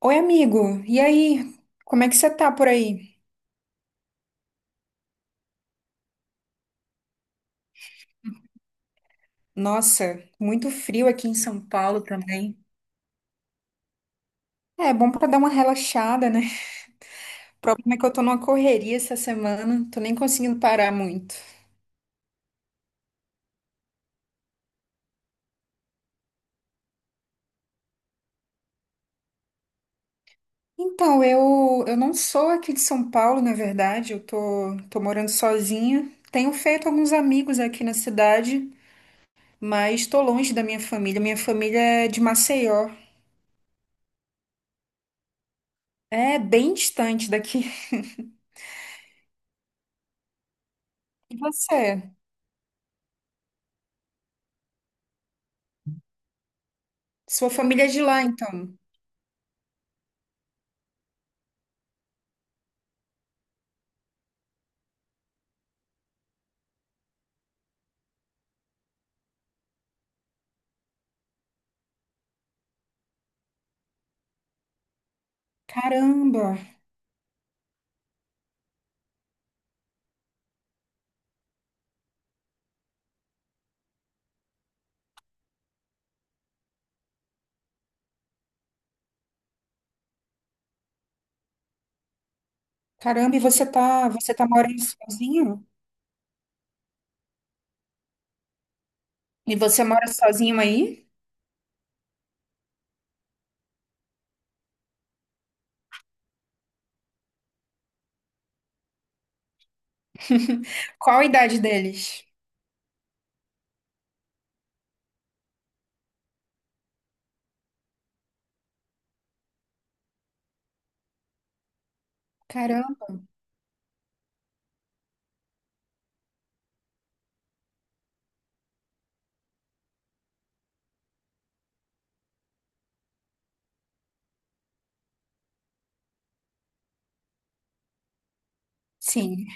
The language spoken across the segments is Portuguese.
Oi, amigo. E aí? Como é que você tá por aí? Nossa, muito frio aqui em São Paulo também. É bom pra dar uma relaxada, né? O problema é que eu tô numa correria essa semana, tô nem conseguindo parar muito. Então, eu não sou aqui de São Paulo, na verdade, tô morando sozinha. Tenho feito alguns amigos aqui na cidade, mas tô longe da minha família. Minha família é de Maceió. É bem distante daqui. E você? Sua família é de lá, então? Caramba! Caramba, você tá morando sozinho? E você mora sozinho aí? Qual a idade deles? Caramba, sim.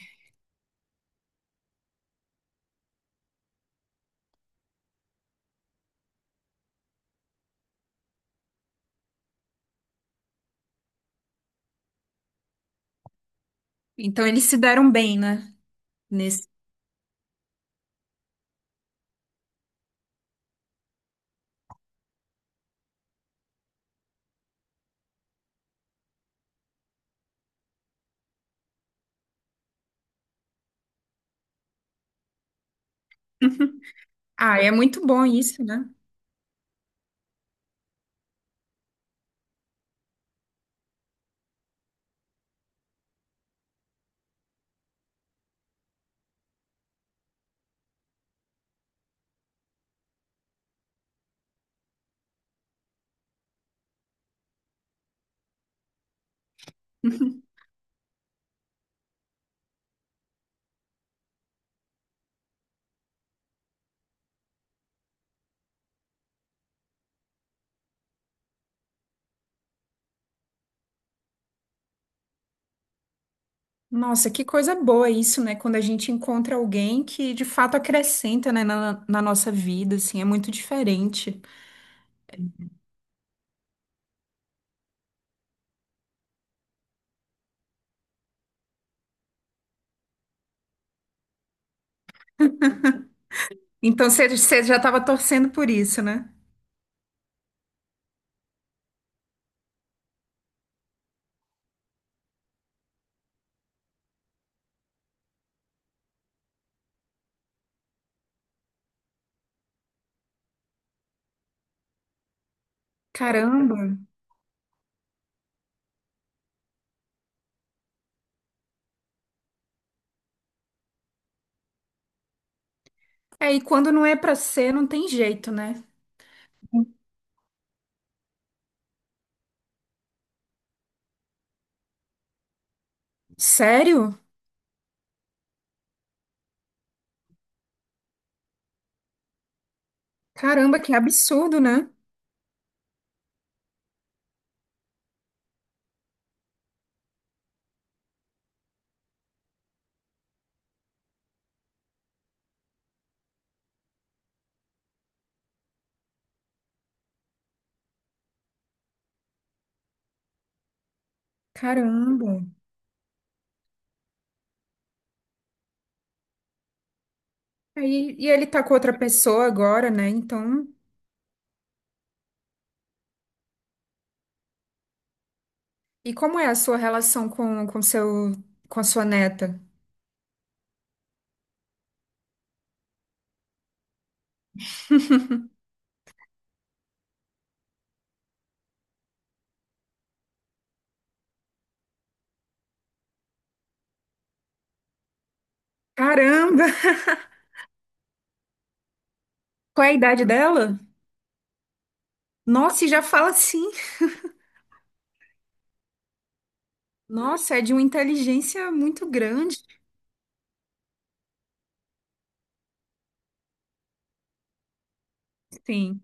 Então eles se deram bem, né? Nesse... Ah, é muito bom isso, né? Nossa, que coisa boa isso, né? Quando a gente encontra alguém que de fato acrescenta, né, na nossa vida, assim, é muito diferente. Então você já estava torcendo por isso, né? Caramba. É, e quando não é pra ser, não tem jeito, né? Sério? Caramba, que absurdo, né? Caramba. Aí, e ele tá com outra pessoa agora, né? Então, e como é a sua relação com a sua neta? Caramba! Qual é a idade dela? Nossa, e já fala assim. Nossa, é de uma inteligência muito grande. Sim.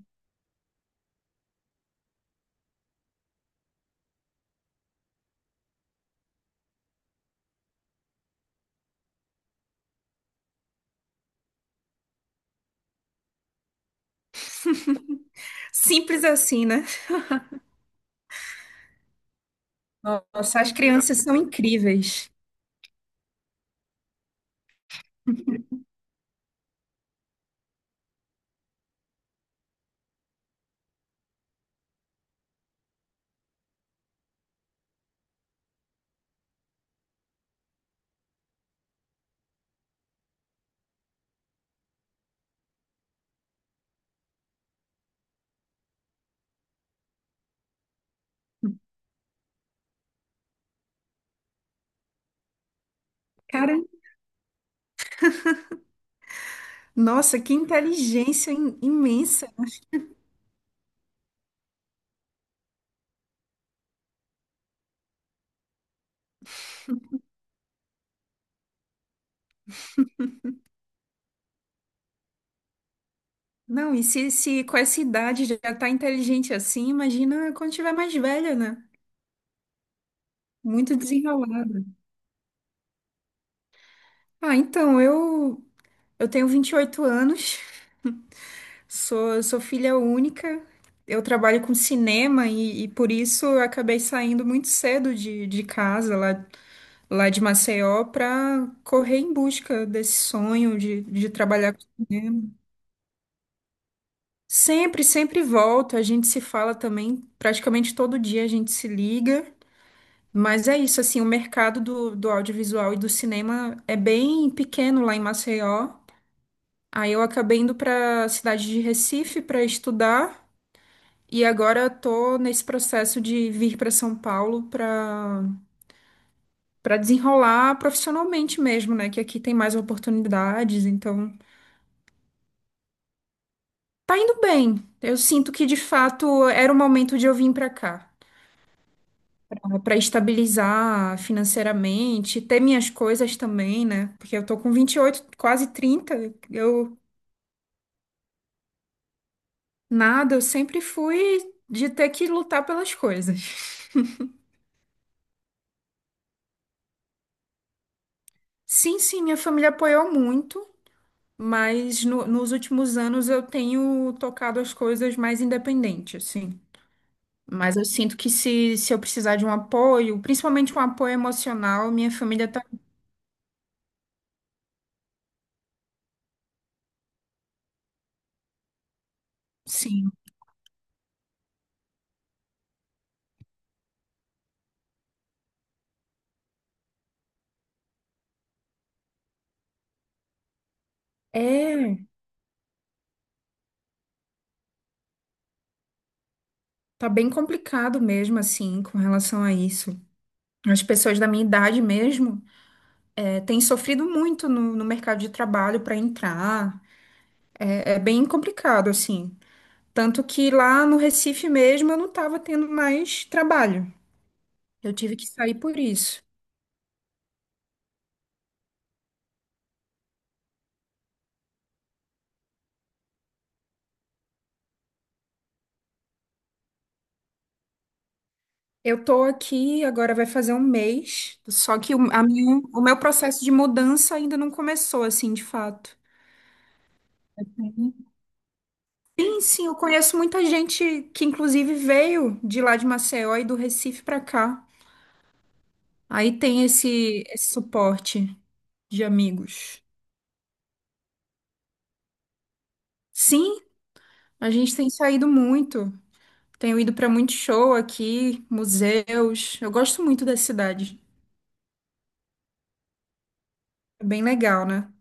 Simples assim, né? Nossa, as crianças são incríveis. Cara, nossa, que inteligência imensa. Não, e se com essa idade já tá inteligente assim, imagina quando tiver mais velha, né? Muito desenrolada. Ah, então, eu tenho 28 anos, sou filha única, eu trabalho com cinema e por isso eu acabei saindo muito cedo de casa, lá de Maceió, para correr em busca desse sonho de trabalhar com cinema. Sempre, sempre volto, a gente se fala também, praticamente todo dia a gente se liga, mas é isso, assim, o mercado do audiovisual e do cinema é bem pequeno lá em Maceió. Aí eu acabei indo para a cidade de Recife para estudar e agora estou nesse processo de vir para São Paulo para desenrolar profissionalmente mesmo, né? Que aqui tem mais oportunidades, então tá indo bem. Eu sinto que de fato era o momento de eu vir para cá. Para estabilizar financeiramente, ter minhas coisas também, né? Porque eu tô com 28, quase 30. Eu nada, eu sempre fui de ter que lutar pelas coisas. Sim, sim, minha família apoiou muito, mas nos últimos anos eu tenho tocado as coisas mais independente, assim. Mas eu sinto que se eu precisar de um apoio, principalmente um apoio emocional, minha família tá, sim. É, tá bem complicado mesmo, assim, com relação a isso. As pessoas da minha idade mesmo, é, têm sofrido muito no, no mercado de trabalho para entrar. É, é bem complicado, assim. Tanto que lá no Recife mesmo eu não estava tendo mais trabalho. Eu tive que sair por isso. Eu tô aqui, agora vai fazer um mês, só que o meu processo de mudança ainda não começou, assim, de fato. Sim, sim, eu conheço muita gente que, inclusive, veio de lá de Maceió e do Recife pra cá. Aí tem esse suporte de amigos. Sim, a gente tem saído muito. Tenho ido pra muito show aqui, museus. Eu gosto muito da cidade. É bem legal, né?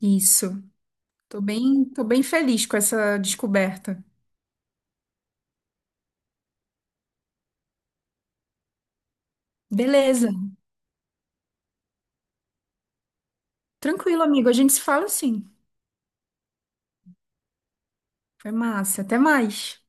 Isso. Tô bem feliz com essa descoberta. Beleza. Tranquilo, amigo. A gente se fala sim. Foi massa. Até mais.